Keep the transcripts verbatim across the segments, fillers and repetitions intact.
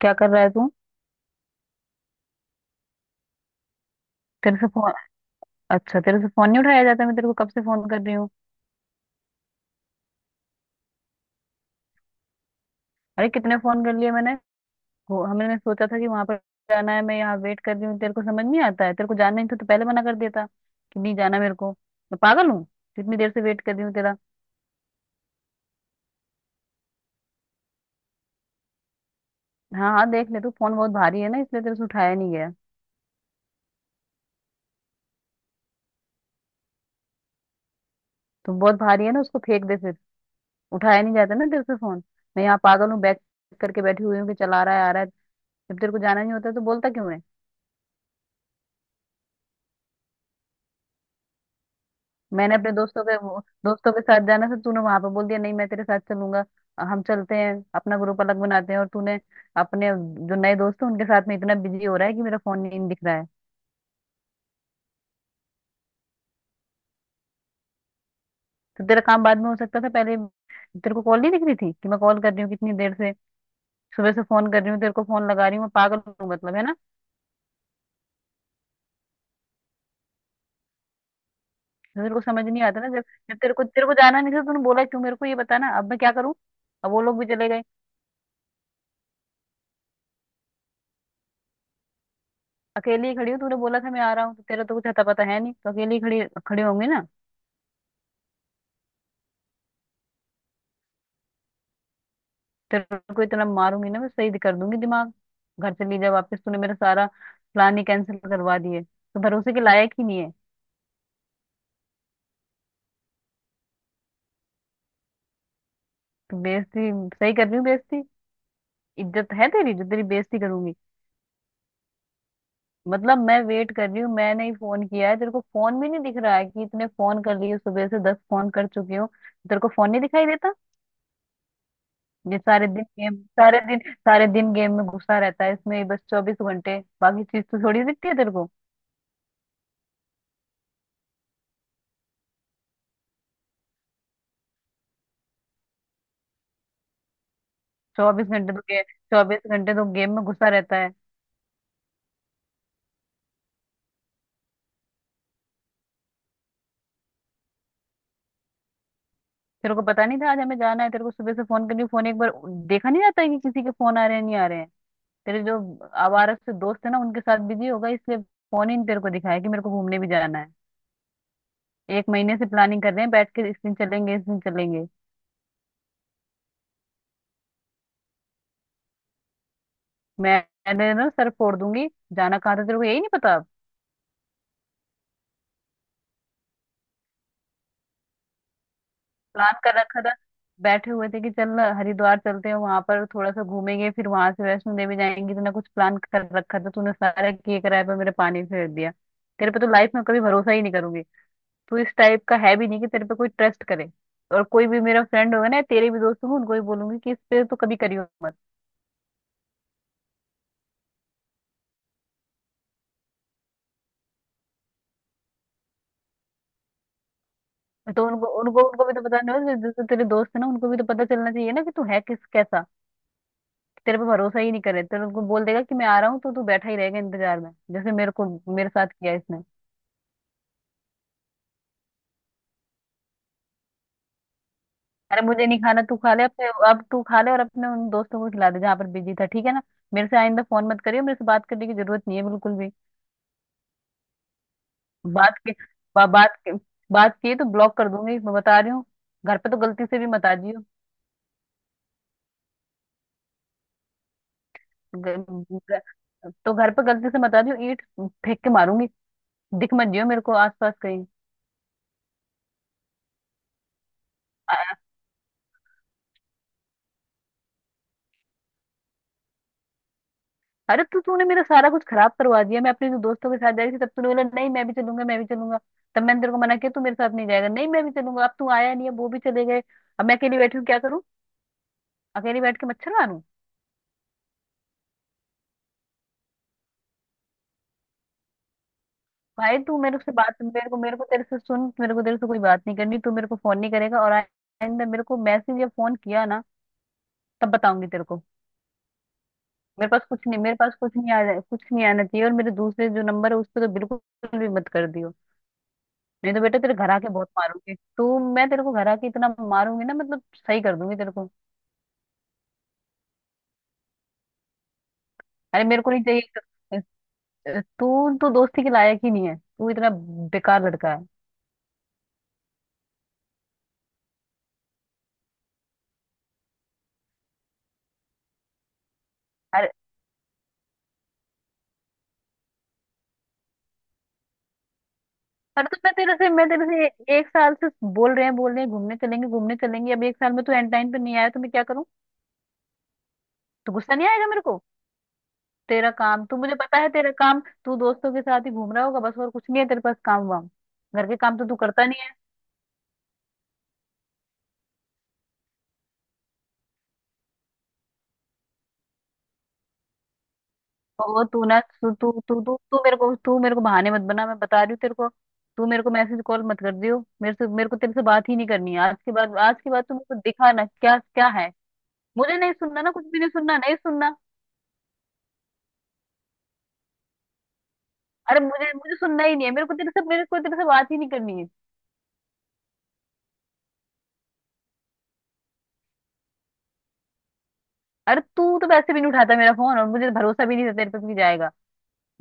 क्या कर रहा है तू? तेरे से फोन अच्छा, तेरे से फोन नहीं उठाया जाता? मैं तेरे को कब से फोन कर रही हूँ। अरे कितने फोन कर लिए मैंने। वो हमने सोचा था कि वहां पर जाना है, मैं यहाँ वेट कर रही हूँ, तेरे को समझ नहीं आता है? तेरे को जाना नहीं था तो पहले मना कर देता कि नहीं जाना मेरे को। मैं पागल हूँ? इतनी देर से वेट कर रही हूँ तेरा। हाँ हाँ देख ले तू, फोन बहुत भारी है ना इसलिए तेरे से उठाया नहीं गया। तो बहुत भारी है ना, उसको फेंक दे फिर। उठाया नहीं जाता ना तेरे से फोन। मैं यहाँ पागल हूँ बैग करके बैठी हुई हूँ कि चला रहा है, आ रहा है। जब तेरे को जाना नहीं होता तो बोलता क्यों है? मैंने अपने दोस्तों के वो- दोस्तों के साथ जाना था, तूने वहां पे बोल दिया नहीं मैं तेरे साथ चलूंगा। हम चलते हैं अपना ग्रुप अलग बनाते हैं, और तूने अपने जो नए दोस्त हैं उनके साथ में इतना बिजी हो रहा है कि मेरा फोन नहीं दिख रहा है। तो तेरा काम बाद में हो सकता था, पहले तेरे को कॉल नहीं दिख रही थी कि मैं कॉल कर रही हूँ कितनी देर से? सुबह से फोन कर रही हूँ तेरे को, फोन लगा रही हूँ, मैं पागल हूँ मतलब, है ना? तो तेरे को समझ नहीं आता ना, जब जब तेरे को तेरे को जाना नहीं था तूने बोला क्यों मेरे को ये बताना? अब मैं क्या करूँ? अब वो लोग भी चले गए। अकेली ही खड़ी हूँ, तूने बोला था मैं आ रहा हूँ, तो तेरा तो कुछ अता पता है नहीं, तो अकेली ही खड़ी खड़े होंगे ना। तेरे को इतना मारूंगी ना मैं, सही कर दूंगी दिमाग। घर से ले जा वापस, तूने मेरा सारा प्लान ही कैंसिल करवा दिए, तो भरोसे के लायक ही नहीं है। तू बेइज्जती सही कर रही हूँ बेइज्जती, इज्जत है तेरी जो तेरी बेइज्जती करूंगी। मतलब मैं वेट कर रही हूँ, मैंने ही फोन किया है तेरे को, फोन भी नहीं दिख रहा है कि इतने फोन कर लिए, सुबह से दस फोन कर चुकी हूँ तेरे को, फोन नहीं दिखाई देता? ये सारे दिन गेम, सारे दिन सारे दिन गेम में घुसा रहता है, इसमें ही बस चौबीस घंटे, बाकी चीज तो थोड़ी दिखती है तेरे को। चौबीस घंटे तो गे, चौबीस घंटे तो गेम में घुसा रहता है। तेरे को पता नहीं था आज हमें जाना है? तेरे को सुबह से फोन करनी, फोन एक बार देखा नहीं जाता है कि किसी के फोन आ रहे हैं नहीं आ रहे हैं? तेरे जो आवारा से दोस्त है ना उनके साथ बिजी होगा, इसलिए फोन ही नहीं तेरे को दिखाया कि मेरे को घूमने भी जाना है। एक महीने से प्लानिंग कर रहे हैं बैठ के, इस दिन चलेंगे इस दिन चलेंगे। मैं मैंने ना सर फोड़ दूंगी। जाना कहाँ था तेरे को यही नहीं पता? प्लान कर रखा था, बैठे हुए थे कि चल हरिद्वार चलते हैं, वहां पर थोड़ा सा घूमेंगे, फिर वहां से वैष्णो देवी जाएंगे। तूने कुछ प्लान कर रखा था? तूने सारा किए कराए पर मेरे पानी फेर दिया। तेरे पे तो लाइफ में कभी भरोसा ही नहीं करूंगी, तू इस टाइप का है भी नहीं कि तेरे पे कोई ट्रस्ट करे। और कोई भी मेरा फ्रेंड होगा ना, तेरे भी दोस्त होंगे, उनको भी बोलूंगी कि इस पे तो कभी करियो मत। तो उनको उनको उनको भी तो पता नहीं होगा, जैसे तेरे दोस्त है ना उनको भी तो पता चलना चाहिए ना कि तू है किस कैसा। तेरे पे भरोसा ही नहीं करे, तेरे उनको बोल देगा कि मैं आ रहा हूँ तो तू बैठा ही रहेगा इंतजार में, जैसे मेरे को मेरे साथ किया इसने। अरे मुझे नहीं खाना, तू खा ले अपने, अब तू खा ले और अपने उन दोस्तों को खिला दे जहाँ पर बिजी था, ठीक है ना? मेरे से आइंदा फोन मत करियो, मेरे से बात करने की जरूरत नहीं है बिल्कुल भी। बात के बा, बात के, बात की तो ब्लॉक कर दूंगी, मैं बता रही हूँ। घर पे तो गलती से भी मत आ जियो। ग- ग- तो घर पे गलती से मत आ जियो, ईंट फेंक के मारूंगी। दिख मत जियो मेरे को आसपास कहीं। अ- अरे तू तूने मेरा सारा कुछ खराब करवा दिया। मैं अपने जो दोस्तों के साथ जा रही थी, तब तूने बोला नहीं मैं भी चलूंगा मैं भी चलूंगा, तब मैंने तेरे को मना किया तू मेरे साथ नहीं जाएगा, नहीं मैं भी चलूंगा। अब तू आया नहीं है, वो भी चले गए, अब मैं अकेली बैठी हूँ, क्या करूँ, अकेली बैठ के मच्छर मारूं? भाई तू मेरे से बात, मेरे को मेरे को तेरे से सुन, मेरे को तेरे से कोई बात नहीं करनी, तू मेरे को फोन नहीं करेगा, और आइंदा मेरे को मैसेज या फोन किया ना तब बताऊंगी तेरे को। मेरे पास कुछ नहीं, मेरे पास कुछ नहीं आ, कुछ नहीं आना चाहिए, और मेरे दूसरे जो नंबर है उस पे तो बिल्कुल भी मत कर दियो। नहीं तो बेटा तेरे घर आके बहुत मारूंगी तू, मैं तेरे को घर आके इतना मारूंगी ना मतलब सही कर दूंगी तेरे को। अरे मेरे को नहीं चाहिए, तू तो दोस्ती के लायक ही नहीं है, तू इतना बेकार लड़का है। अरे तो मैं तेरे से मैं तेरे से एक साल से बोल रहे हैं बोल रहे हैं घूमने चलेंगे घूमने चलेंगे, अब एक साल में तू एंड टाइम पे नहीं आया, तो मैं क्या करूं, तो गुस्सा नहीं आएगा मेरे को? तेरा काम, तू, मुझे पता है तेरा काम, तू दोस्तों के साथ ही घूम रहा होगा बस, और कुछ नहीं है तेरे पास, काम वाम घर के काम तो तू करता नहीं है। और तू ना तू तू तू तू तू मेरे को तू मेरे को बहाने मत बना, मैं बता रही हूँ तेरे को। तू मेरे को मैसेज कॉल मत कर दियो, मेरे से, मेरे को तेरे से बात ही नहीं करनी है आज के बाद, आज के बाद तू मेरे को दिखा ना क्या क्या है। मुझे नहीं सुनना ना, कुछ भी नहीं सुनना, नहीं सुनना। अरे मुझे मुझे सुनना ही नहीं है, मेरे को तेरे से, मेरे को तेरे से बात ही नहीं करनी है। अरे तू तो वैसे भी नहीं उठाता मेरा फोन, और मुझे भरोसा भी नहीं था तेरे पे भी जाएगा।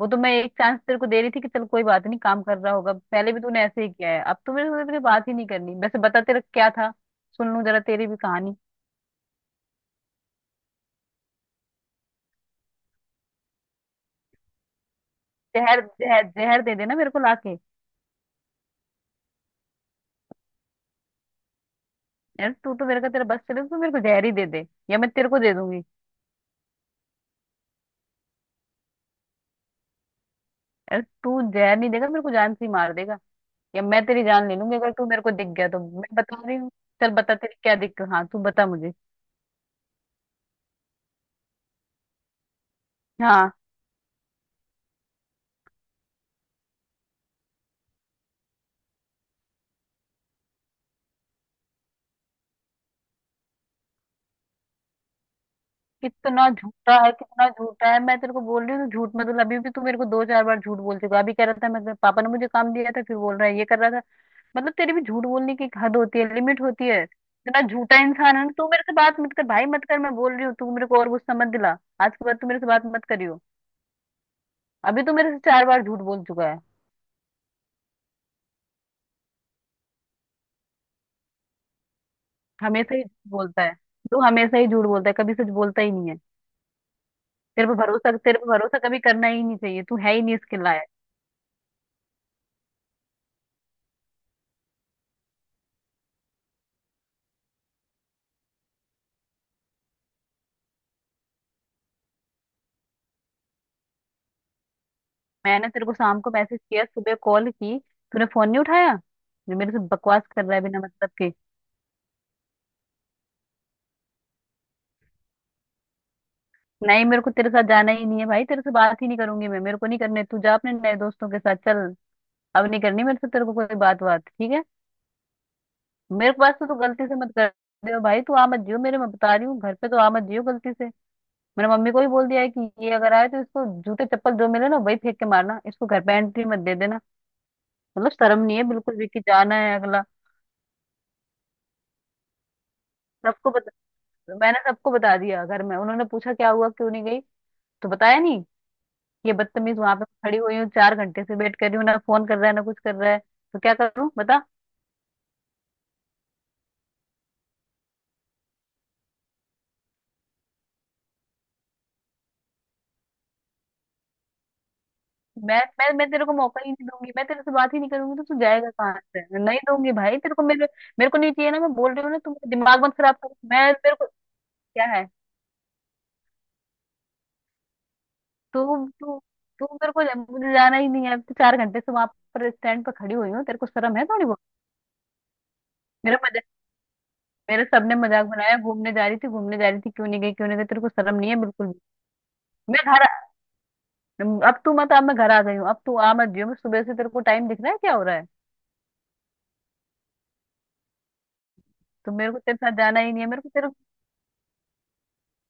वो तो मैं एक चांस तेरे को दे रही थी कि चल कोई बात नहीं काम कर रहा होगा, पहले भी तूने ऐसे ही किया है, अब तो मेरे से तेरे बात ही नहीं करनी, वैसे बता तेरा क्या था, सुन लूं जरा तेरी भी कहानी। जहर जहर जहर दे देना मेरे को लाके। यार तू तो मेरे का, तेरा बस चले तो तू मेरे को जहर ही दे दे, या मैं तेरे को दे दूंगी। यार तू जहर नहीं देगा मेरे को, जान से ही मार देगा, या मैं तेरी जान ले लूंगी अगर तू मेरे को दिख गया तो, मैं बता रही हूँ। चल बता तेरी क्या दिक्कत, हाँ तू बता मुझे, हाँ। कितना झूठा है कितना झूठा है, मैं तेरे को बोल रही हूँ तू झूठ मत बोल, अभी भी तू मेरे को दो चार बार झूठ बोल चुका है। अभी कह रहा था मैं पापा ने मुझे काम दिया था, फिर बोल रहा है ये कर रहा था। मतलब तेरी भी झूठ बोलने की एक हद होती है, लिमिट होती है, इतना झूठा इंसान है ना, तू मेरे से बात मत कर भाई, मत कर, मैं बोल रही हूँ, तू मेरे को और गुस्सा मत दिला, आज के बाद तू मेरे से बात मत करियो। अभी तू मेरे से चार बार झूठ बोल चुका है, हमेशा ही झूठ बोलता है, तू हमेशा ही झूठ बोलता है, कभी सच बोलता ही नहीं है। तेरे पर भरोसा तेरे पर भरोसा कभी करना ही नहीं चाहिए, तू है ही नहीं इसके लायक। मैंने तेरे को शाम को मैसेज किया, सुबह कॉल की, तूने फोन नहीं उठाया, जो मेरे से बकवास कर रहा है बिना मतलब के। नहीं मेरे को तेरे साथ जाना ही नहीं है भाई, तेरे से बात ही नहीं करूंगी मैं, मेरे को नहीं करने, तू जा अपने नए दोस्तों के साथ चल, अब नहीं करनी मेरे से तेरे को कोई बात बात, ठीक है? मेरे पास तो तू गलती से मत कर दे भाई, तू आ मत जियो मेरे, मैं बता रही हूँ, घर पे तो आ मत जियो गलती से। मेरे मम्मी को भी बोल दिया है कि ये अगर आए तो इसको जूते चप्पल जो मिले ना वही फेंक के मारना, इसको घर पे एंट्री मत दे देना। मतलब शर्म नहीं है बिल्कुल भी कि जाना है अगला। सबको, मैंने सबको बता दिया घर में, उन्होंने पूछा क्या हुआ क्यों नहीं गई, तो बताया नहीं ये बदतमीज, वहां पे खड़ी हुई हूँ चार घंटे से, वेट कर रही हूँ, ना फोन कर रहा है ना कुछ कर रहा है, तो क्या करूँ बता? मैं मैं मैं तेरे को मौका ही नहीं दूंगी, मैं तेरे से बात ही नहीं करूंगी, तो तू जाएगा कहाँ से, नहीं दूंगी भाई तेरे को मेरे। मेरे को नहीं चाहिए ना, मैं बोल रही हूँ ना, तू मेरा दिमाग मत खराब कर, मैं मेरे को क्या है। तू तू तू मेरे को, मुझे जाना ही नहीं है तो, चार घंटे से वहां पर स्टैंड पर खड़ी हुई हूँ, तेरे को शर्म है थोड़ी बहुत? मेरा मेरे सबने मजाक बनाया, घूमने जा रही थी घूमने जा रही थी, क्यों नहीं गई क्यों नहीं गई, तेरे को शर्म नहीं है बिल्कुल भी? मैं घर अब तू मत, अब मैं घर आ गई हूँ, अब तू आ मत जियो, मैं सुबह से तेरे को, टाइम दिख रहा है क्या हो रहा है? तो मेरे को तेरे साथ जाना ही नहीं है, मेरे को तेरे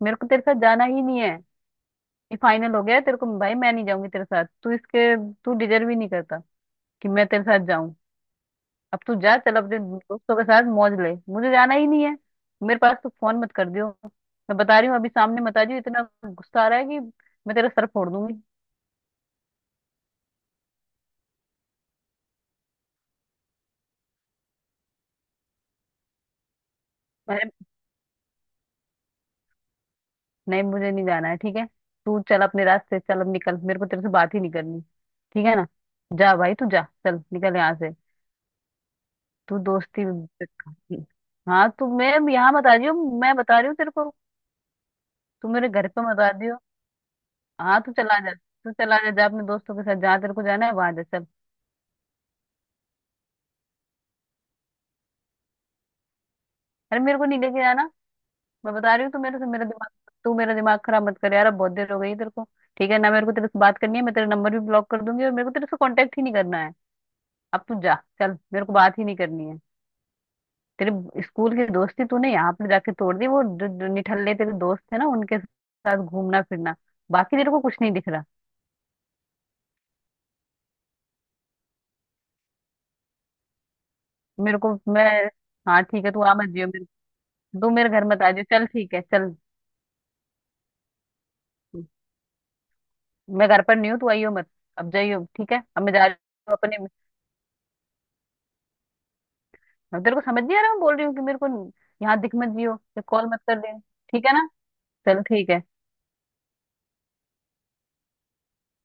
मेरे को तेरे साथ जाना ही नहीं है, ये फाइनल हो गया है तेरे को भाई, मैं नहीं जाऊंगी तेरे साथ, तू इसके तू डिजर्व ही नहीं करता कि मैं तेरे साथ जाऊं। अब तू जा, चल अपने दोस्तों के साथ मौज ले, मुझे जाना ही नहीं है, मेरे पास तू फोन मत कर दियो, मैं बता रही हूँ, अभी सामने बता रही हूँ, इतना गुस्सा आ रहा है कि मैं तेरा सर फोड़ दूंगी। नहीं मुझे नहीं जाना है, ठीक है? तू चल अपने रास्ते, चल अब निकल, मेरे को तेरे से बात ही नहीं करनी, ठीक है ना? जा भाई तू जा, चल निकल यहाँ से, तू दोस्ती। हाँ तू मेरे यहाँ बता रही हो, मैं बता रही हूँ तेरे को, तू मेरे घर पे बता रही हो। हाँ तू चला जा, तू चला जा, जा अपने दोस्तों के साथ जहाँ तेरे को जाना है वहां जा चल। अरे मेरे को नहीं लेके जाना, मैं बता रही हूँ, तू मेरे से मेरा दिमाग तू मेरा दिमाग खराब मत कर यार, अब बहुत देर हो गई है तेरे को, ठीक है ना? मेरे को तेरे से बात करनी है, मैं तेरा नंबर भी ब्लॉक कर दूंगी, और मेरे को तेरे से कांटेक्ट ही नहीं करना है, अब तू जा, चल मेरे को बात ही नहीं करनी है। तेरे स्कूल की दोस्ती तूने यहाँ पे जाके तोड़ दी, वो जो, जो निठल्ले तेरे दोस्त थे ना उनके साथ घूमना फिरना, बाकी तेरे को कुछ नहीं दिख रहा। मेरे को मैं हाँ ठीक है, तू आ मत जियो मेरे, तू मेरे घर मत आ जियो, चल ठीक है चल। मैं घर पर नहीं हूँ, तू आइयो मत, अब जाइयो ठीक है, अब मैं जा रही हूँ अपने, अब तेरे को समझ नहीं आ रहा मैं बोल रही हूँ कि मेरे को यहाँ दिख मत जियो, ये कॉल मत कर दे, ठीक है ना? चल ठीक है।